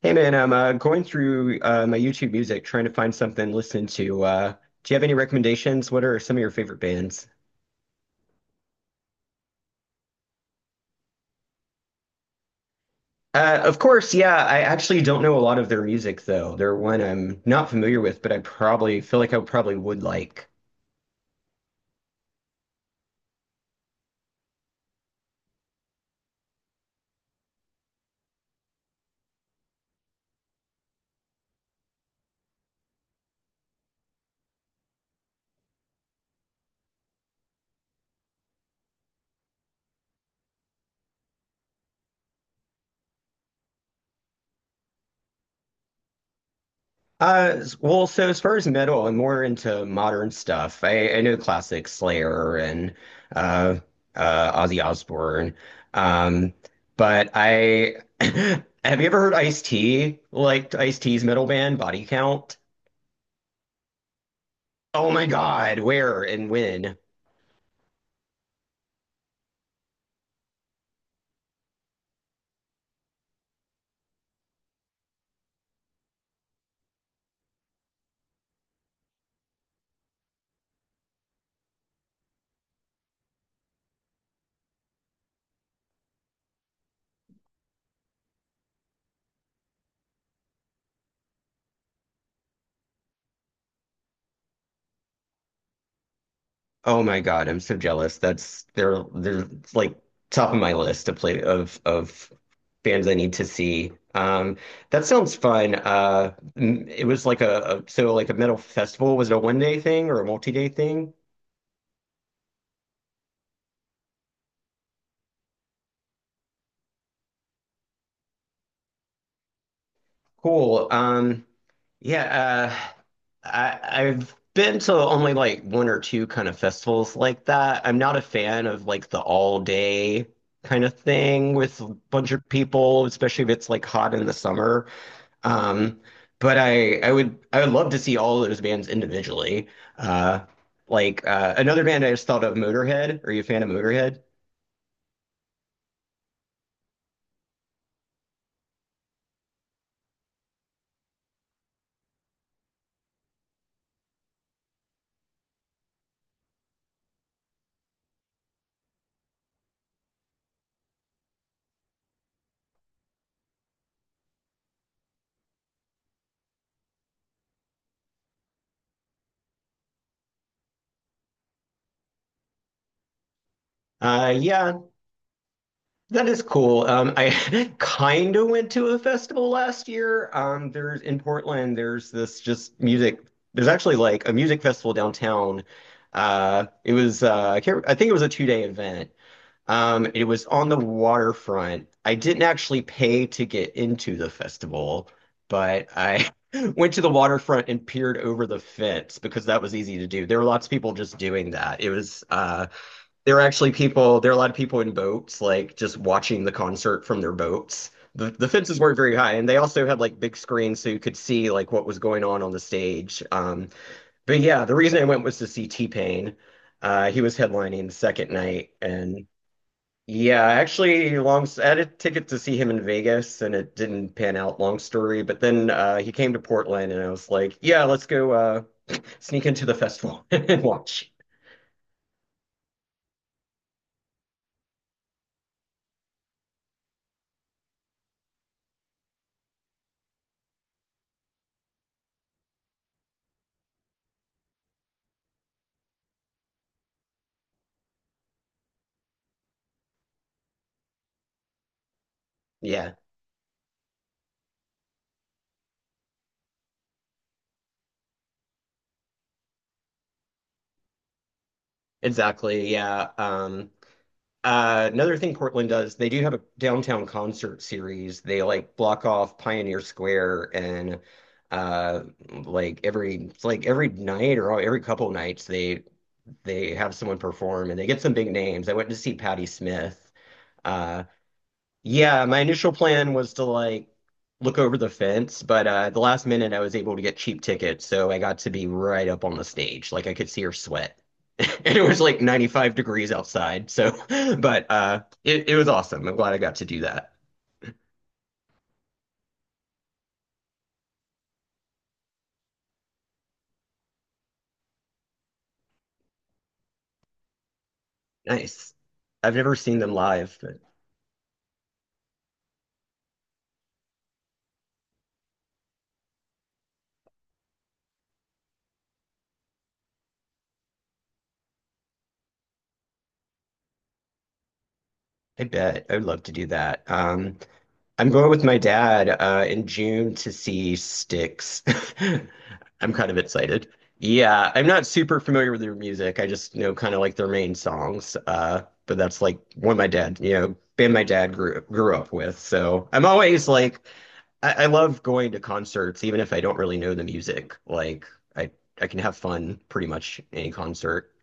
Hey man, I'm going through my YouTube music trying to find something to listen to. Do you have any recommendations? What are some of your favorite bands? Of course, yeah, I actually don't know a lot of their music though. They're one I'm not familiar with, but I probably would like. So as far as metal, I'm more into modern stuff. I know classic Slayer and uh, Ozzy Osbourne. Um, but I have you ever heard Ice-T? Like Ice-T's metal band, Body Count? Oh my God, where and when? Oh my God, I'm so jealous. That's they're it's like top of my list to play of bands I need to see. That sounds fun. M- it was like a so like a metal festival. Was it a 1 day thing or a multi day thing? Cool. Yeah. Uh, I I've been to only like one or two kind of festivals like that. I'm not a fan of like the all day kind of thing with a bunch of people, especially if it's like hot in the summer. Um, but I would love to see all of those bands individually. Uh, another band I just thought of, Motorhead. Are you a fan of Motorhead? Yeah, that is cool. I kind of went to a festival last year. There's in Portland. There's this just music. There's actually like a music festival downtown. It was I can't, I think it was a 2 day event. It was on the waterfront. I didn't actually pay to get into the festival, but I went to the waterfront and peered over the fence because that was easy to do. There were lots of people just doing that. It was there were actually people, there were a lot of people in boats, like just watching the concert from their boats. The fences weren't very high, and they also had like big screens so you could see like what was going on the stage. But yeah, the reason I went was to see T-Pain. He was headlining the second night, and yeah, I actually, long I had a ticket to see him in Vegas, and it didn't pan out. Long story, but then he came to Portland, and I was like, "Yeah, let's go sneak into the festival and watch." Yeah, exactly. Yeah. Another thing Portland does, they do have a downtown concert series. They like block off Pioneer Square and uh like every it's like every night or every couple nights they have someone perform and they get some big names. I went to see Patti Smith. Uh Yeah, my initial plan was to like look over the fence, but at the last minute I was able to get cheap tickets, so I got to be right up on the stage. Like I could see her sweat. And it was like 95 degrees outside. So, but it was awesome. I'm glad I got to do that. Nice. I've never seen them live, but I bet I would love to do that. I'm going with my dad in June to see Styx. I'm kind of excited. Yeah, I'm not super familiar with their music. I just know kind of like their main songs. But that's like one my dad, you know, band my dad grew up with. So I'm always like, I love going to concerts, even if I don't really know the music. Like I I can have fun pretty much any concert.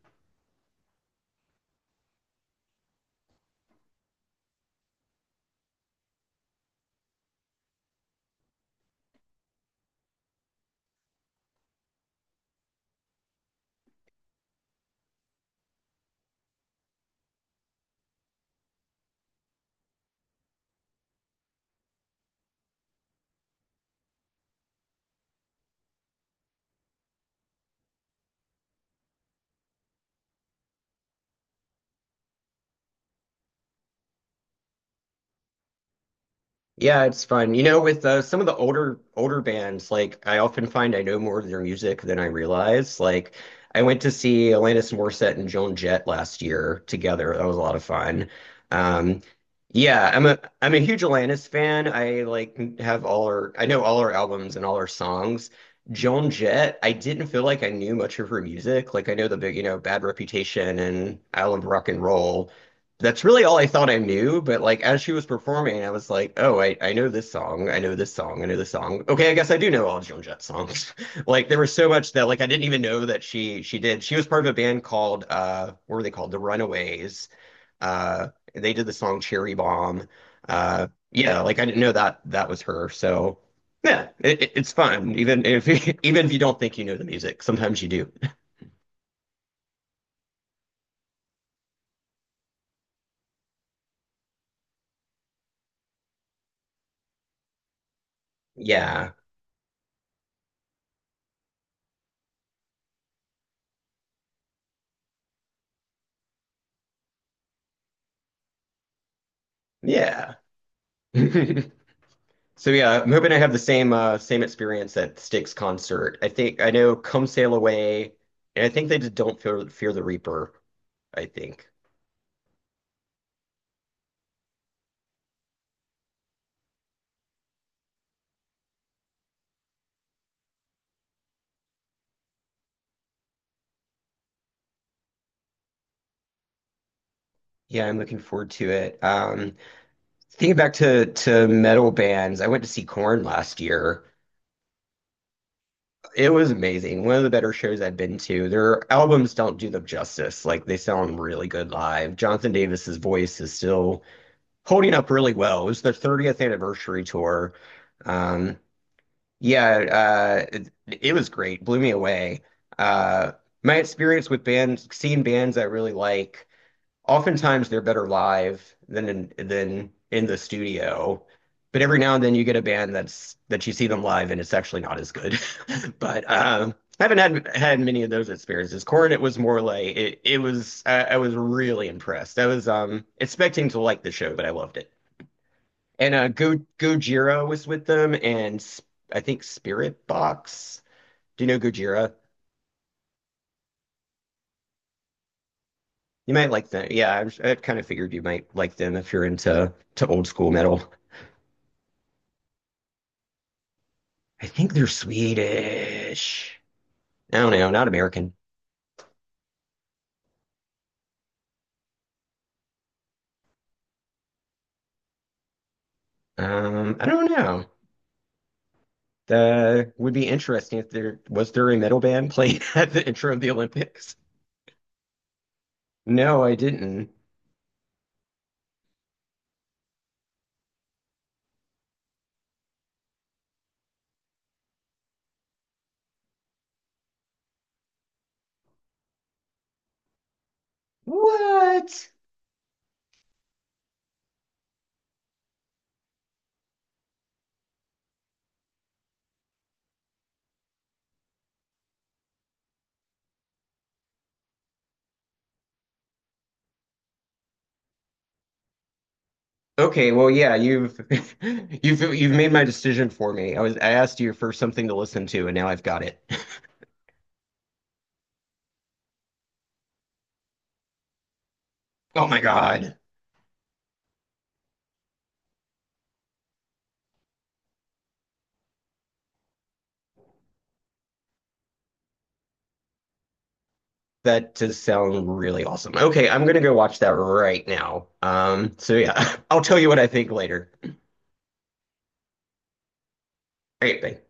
Yeah, it's fun. You know, with some of the older bands, like I often find I know more of their music than I realize. Like I went to see Alanis Morissette and Joan Jett last year together. That was a lot of fun. Um, yeah, I'm a huge Alanis fan. I have all her I know all her albums and all her songs. Joan Jett, I didn't feel like I knew much of her music. Like I know the big, you know, Bad Reputation and Island Rock and Roll, that's really all I thought I knew, but like as she was performing, I was like, oh, I know this song, I know this song, I know this song. Okay, I guess I do know all Joan Jett songs. like there was so much that like I didn't even know that she did. She was part of a band called what were they called? The Runaways. Uh they did the song Cherry Bomb. Yeah, like I didn't know that that was her. So yeah, it- it's fun. Even if even if you don't think you know the music, sometimes you do. Yeah. Yeah. So yeah, I'm hoping I have the same same experience at Styx concert. I think I know Come Sail Away, and I think they did Don't Fear the Reaper, I think. Yeah, I'm looking forward to it. Thinking back to metal bands, I went to see Korn last year. It was amazing. One of the better shows I've been to. Their albums don't do them justice. Like they sound really good live. Jonathan Davis's voice is still holding up really well. It was their 30th anniversary tour. Um, Yeah, uh, it, it was great. Blew me away. Uh, my experience with bands, seeing bands I really like, oftentimes they're better live than than in the studio. But every now and then you get a band that you see them live and it's actually not as good. But I haven't had had many of those experiences. Corn, it was more like it. I was really impressed. I was expecting to like the show, but I loved it. And Go Gojira was with them, and I think Spirit Box. Do you know Gojira? You might like them. Yeah, I kind of figured you might like them if you're into to old school metal. I think they're Swedish. I don't know, not American. I don't know. That would be interesting if there was there a metal band playing at the intro of the Olympics. No, I didn't. What? Okay, well, yeah, you've you've made my decision for me. I asked you for something to listen to, and now I've got it. Oh my God, that does sound really awesome. Okay, I'm gonna go watch that right now. So yeah, I'll tell you what I think later. All right, bye.